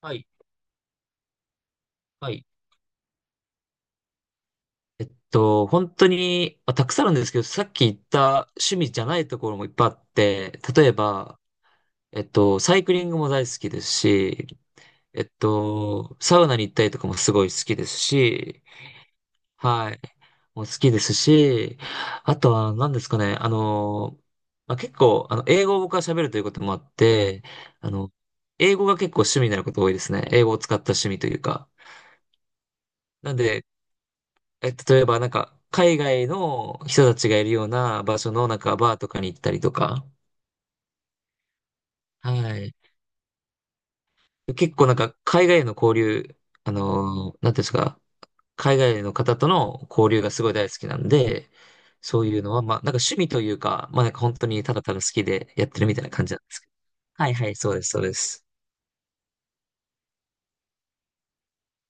はい。はい。本当に、まあ、たくさんあるんですけど、さっき言った趣味じゃないところもいっぱいあって、例えば、サイクリングも大好きですし、サウナに行ったりとかもすごい好きですし、はい。もう好きですし、あとは何ですかね、まあ、結構、英語を僕は喋るということもあって、あの、英語が結構趣味になること多いですね。英語を使った趣味というか。なんで、例えば、なんか、海外の人たちがいるような場所の、なんか、バーとかに行ったりとか、はい。結構、なんか、海外の交流、なんていうんですか、海外の方との交流がすごい大好きなんで、そういうのは、まあ、なんか趣味というか、まあ、なんか本当にただただ好きでやってるみたいな感じなんですけど。はいはい、そうです、そうです。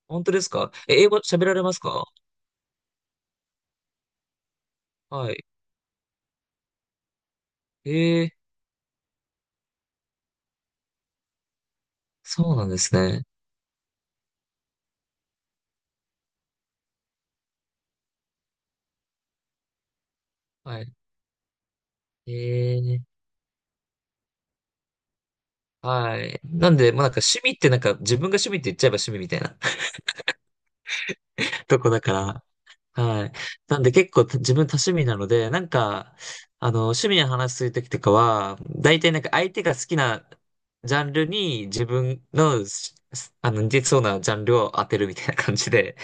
本当ですか？え、英語喋られますか？はい。えー、そうなんですね。はい。えーはい。なんで、まあなんか趣味ってなんか自分が趣味って言っちゃえば趣味みたいな とこだから。はい。なんで結構自分多趣味なので、なんか、趣味の話するときとかは、大体なんか相手が好きなジャンルに自分のし、あの、似てそうなジャンルを当てるみたいな感じで、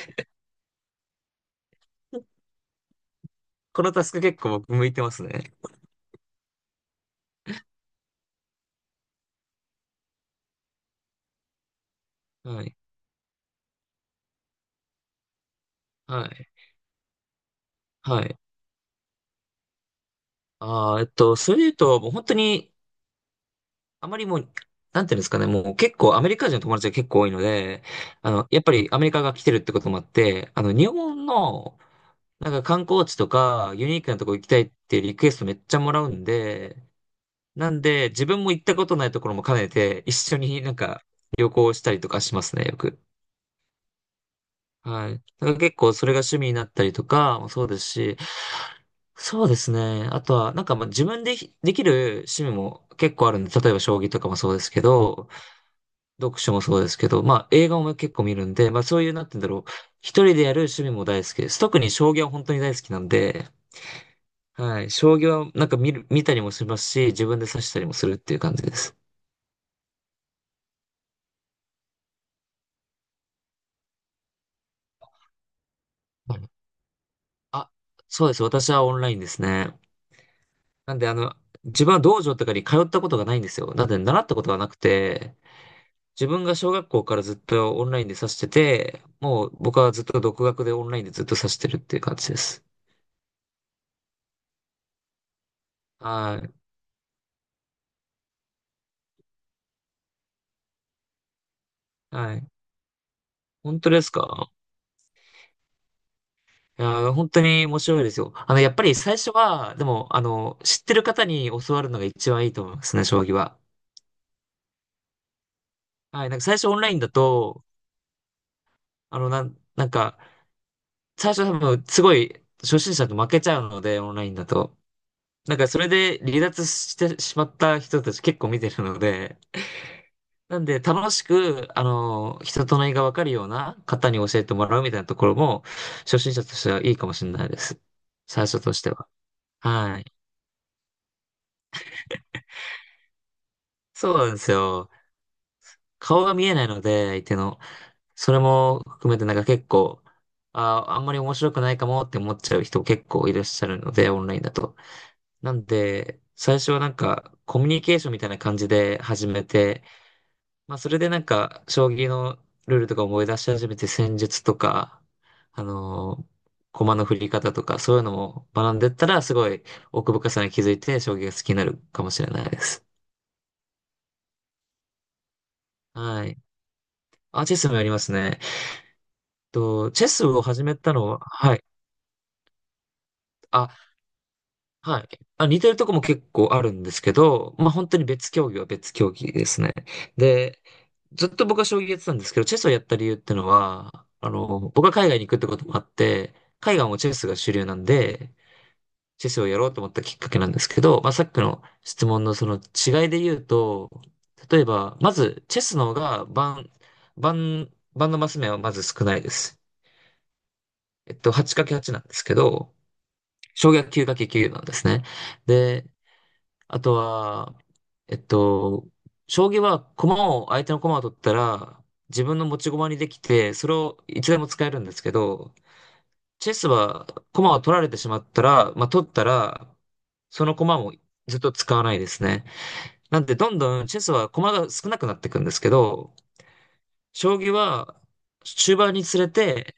このタスク結構僕向いてますね。はい。はい。はい。それで言うと、もう本当にあまりもう、なんていうんですかね、もう結構アメリカ人の友達が結構多いので、やっぱりアメリカが来てるってこともあって、日本の、なんか観光地とか、ユニークなとこ行きたいってリクエストめっちゃもらうんで、なんで、自分も行ったことないところも兼ねて、一緒になんか旅行したりとかしますね、よく。はい。だから結構それが趣味になったりとかもそうですし、そうですね。あとは、なんかまあ自分でできる趣味も結構あるんで、例えば将棋とかもそうですけど、読書もそうですけど、まあ映画も結構見るんで、まあそういう、なんて言うんだろう。一人でやる趣味も大好きです。特に将棋は本当に大好きなんで、はい。将棋はなんか見たりもしますし、自分で指したりもするっていう感じです。はい。あ、そうです。私はオンラインですね。なんで自分は道場とかに通ったことがないんですよ。なんで習ったことがなくて、自分が小学校からずっとオンラインで指してて、もう僕はずっと独学でオンラインでずっと指してるっていう感じです。はい。はい。本当ですか？いやー、本当に面白いですよ。やっぱり最初は、でも、知ってる方に教わるのが一番いいと思いますね、将棋は。はい、なんか最初オンラインだと、なんか、最初多分、すごい、初心者と負けちゃうので、オンラインだと。なんか、それで離脱してしまった人たち結構見てるので、なんで、楽しく、人となりがわかるような方に教えてもらうみたいなところも、初心者としてはいいかもしれないです。最初としては。はい。そうなんですよ。顔が見えないので、相手の。それも含めてなんか結構、あんまり面白くないかもって思っちゃう人結構いらっしゃるので、オンラインだと。なんで、最初はなんかコミュニケーションみたいな感じで始めて、まあそれでなんか将棋のルールとか思い出し始めて戦術とか、あのー駒の振り方とかそういうのも学んでったらすごい奥深さに気づいて将棋が好きになるかもしれないです。はい。あ、チェスもやりますね。と、チェスを始めたのは、はい。あ、はい。あ、似てるとこも結構あるんですけど、まあ本当に別競技は別競技ですね。で、ずっと僕は将棋やってたんですけど、チェスをやった理由ってのは、僕は海外に行くってこともあって、海外もチェスが主流なんで、チェスをやろうと思ったきっかけなんですけど、まあさっきの質問のその違いで言うと、例えば、まず、チェスの方が盤のマス目はまず少ないです。8×8 なんですけど、小学 9×9 なんですね。で、あとは、えっと、将棋は相手の駒を取ったら、自分の持ち駒にできて、それをいつでも使えるんですけど、チェスは駒を取られてしまったら、取ったら、その駒もずっと使わないですね。なんで、どんどんチェスは駒が少なくなっていくんですけど、将棋は終盤につれて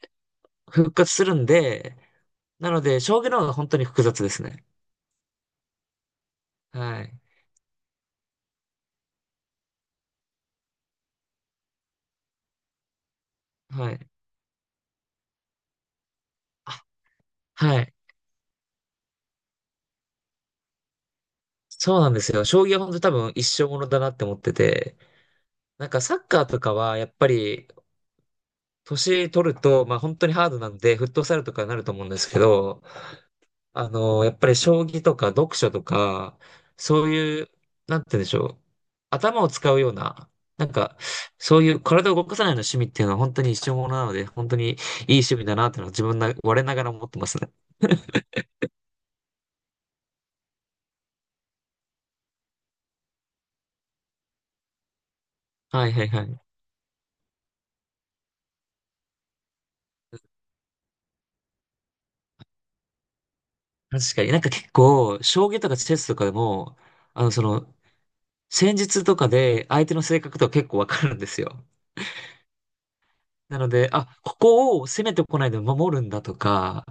復活するんで、なので、将棋の方が本当に複雑ですね。はい。はい。はい。そうなんですよ。将棋は本当に多分一生ものだなって思ってて、なんかサッカーとかはやっぱり年取ると、まあ本当にハードなんで、フットサルとかになると思うんですけど、やっぱり将棋とか読書とか、そういう、なんて言うんでしょう。頭を使うような、なんか、そういう体を動かさないような趣味っていうのは本当に一生ものなので、本当にいい趣味だなっていうのは自分な、我ながら思ってますね。はいはいはい。確かになんか結構、将棋とかチェスとかでも、あの、その、戦術とかで相手の性格とか結構わかるんですよ。なので、あ、ここを攻めてこないで守るんだとか、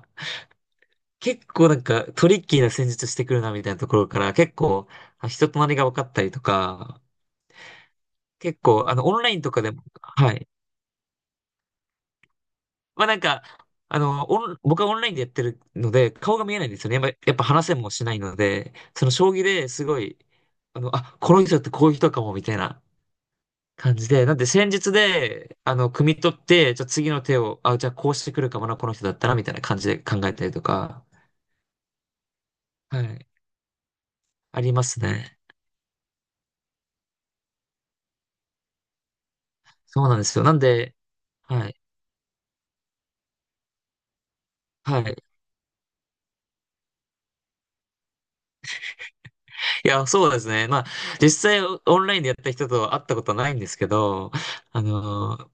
結構なんかトリッキーな戦術してくるなみたいなところから結構人となりが分かったりとか、結構オンラインとかでも、はい。まあなんか、僕はオンラインでやってるので顔が見えないんですよね。やっぱ話せもしないので、その将棋ですごい、あ、この人ってこういう人かもみたいな。感じで、なんで戦術で、汲み取って、じゃあ次の手を、あ、じゃあこうしてくるかもな、この人だったら、みたいな感じで考えたりとか、はい、ありますね。そうなんですよ。なんで、はい、はい。いや、そうですね。まあ、実際オンラインでやった人と会ったことはないんですけど、あのー、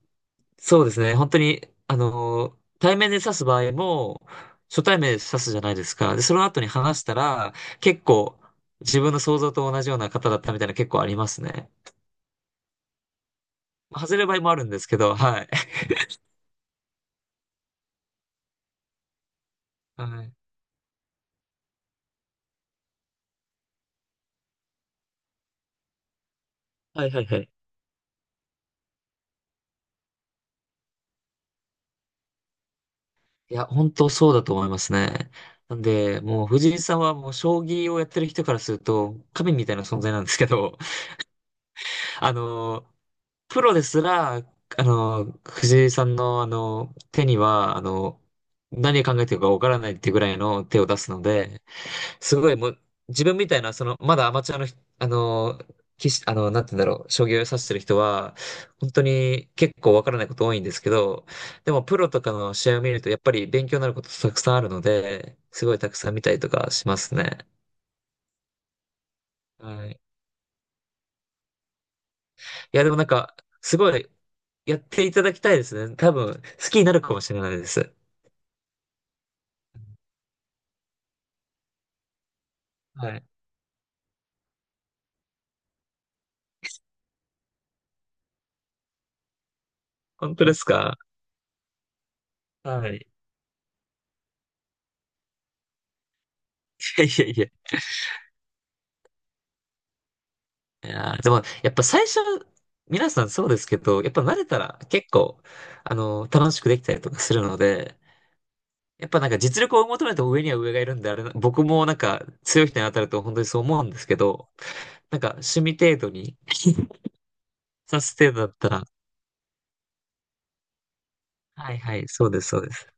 そうですね。本当に、対面で指す場合も、初対面で指すじゃないですか。で、その後に話したら、結構、自分の想像と同じような方だったみたいな結構ありますね。外れる場合もあるんですけど、はい。はい。はいはいはい。いや、本当そうだと思いますね。なんで、もう藤井さんはもう将棋をやってる人からすると、神みたいな存在なんですけど、あの、プロですら、藤井さんの手には、何考えてるかわからないっていうぐらいの手を出すので、すごいもう、自分みたいな、まだアマチュアのひ、あのー、棋士、なんて言うんだろう、将棋を指してる人は、本当に結構わからないこと多いんですけど、でもプロとかの試合を見ると、やっぱり勉強になることたくさんあるので、すごいたくさん見たりとかしますね。はい。いや、でもなんか、すごい、やっていただきたいですね。多分、好きになるかもしれないです。はい。本当ですか？はい。いやいやいや。いやーでも、やっぱ最初、皆さんそうですけど、やっぱ慣れたら結構、楽しくできたりとかするので、やっぱなんか実力を求めても上には上がいるんで、あれな、僕もなんか強い人に当たると本当にそう思うんですけど、なんか趣味程度にさす程度だったら、はいはい、そうです、そうです。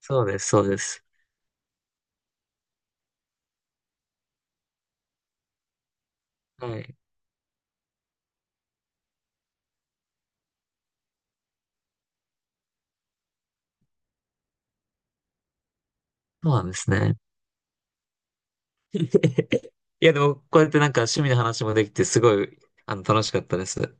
そうです、そうです。はい。そうなんですね。いや、でも、こうやってなんか趣味の話もできて、すごい、楽しかったです。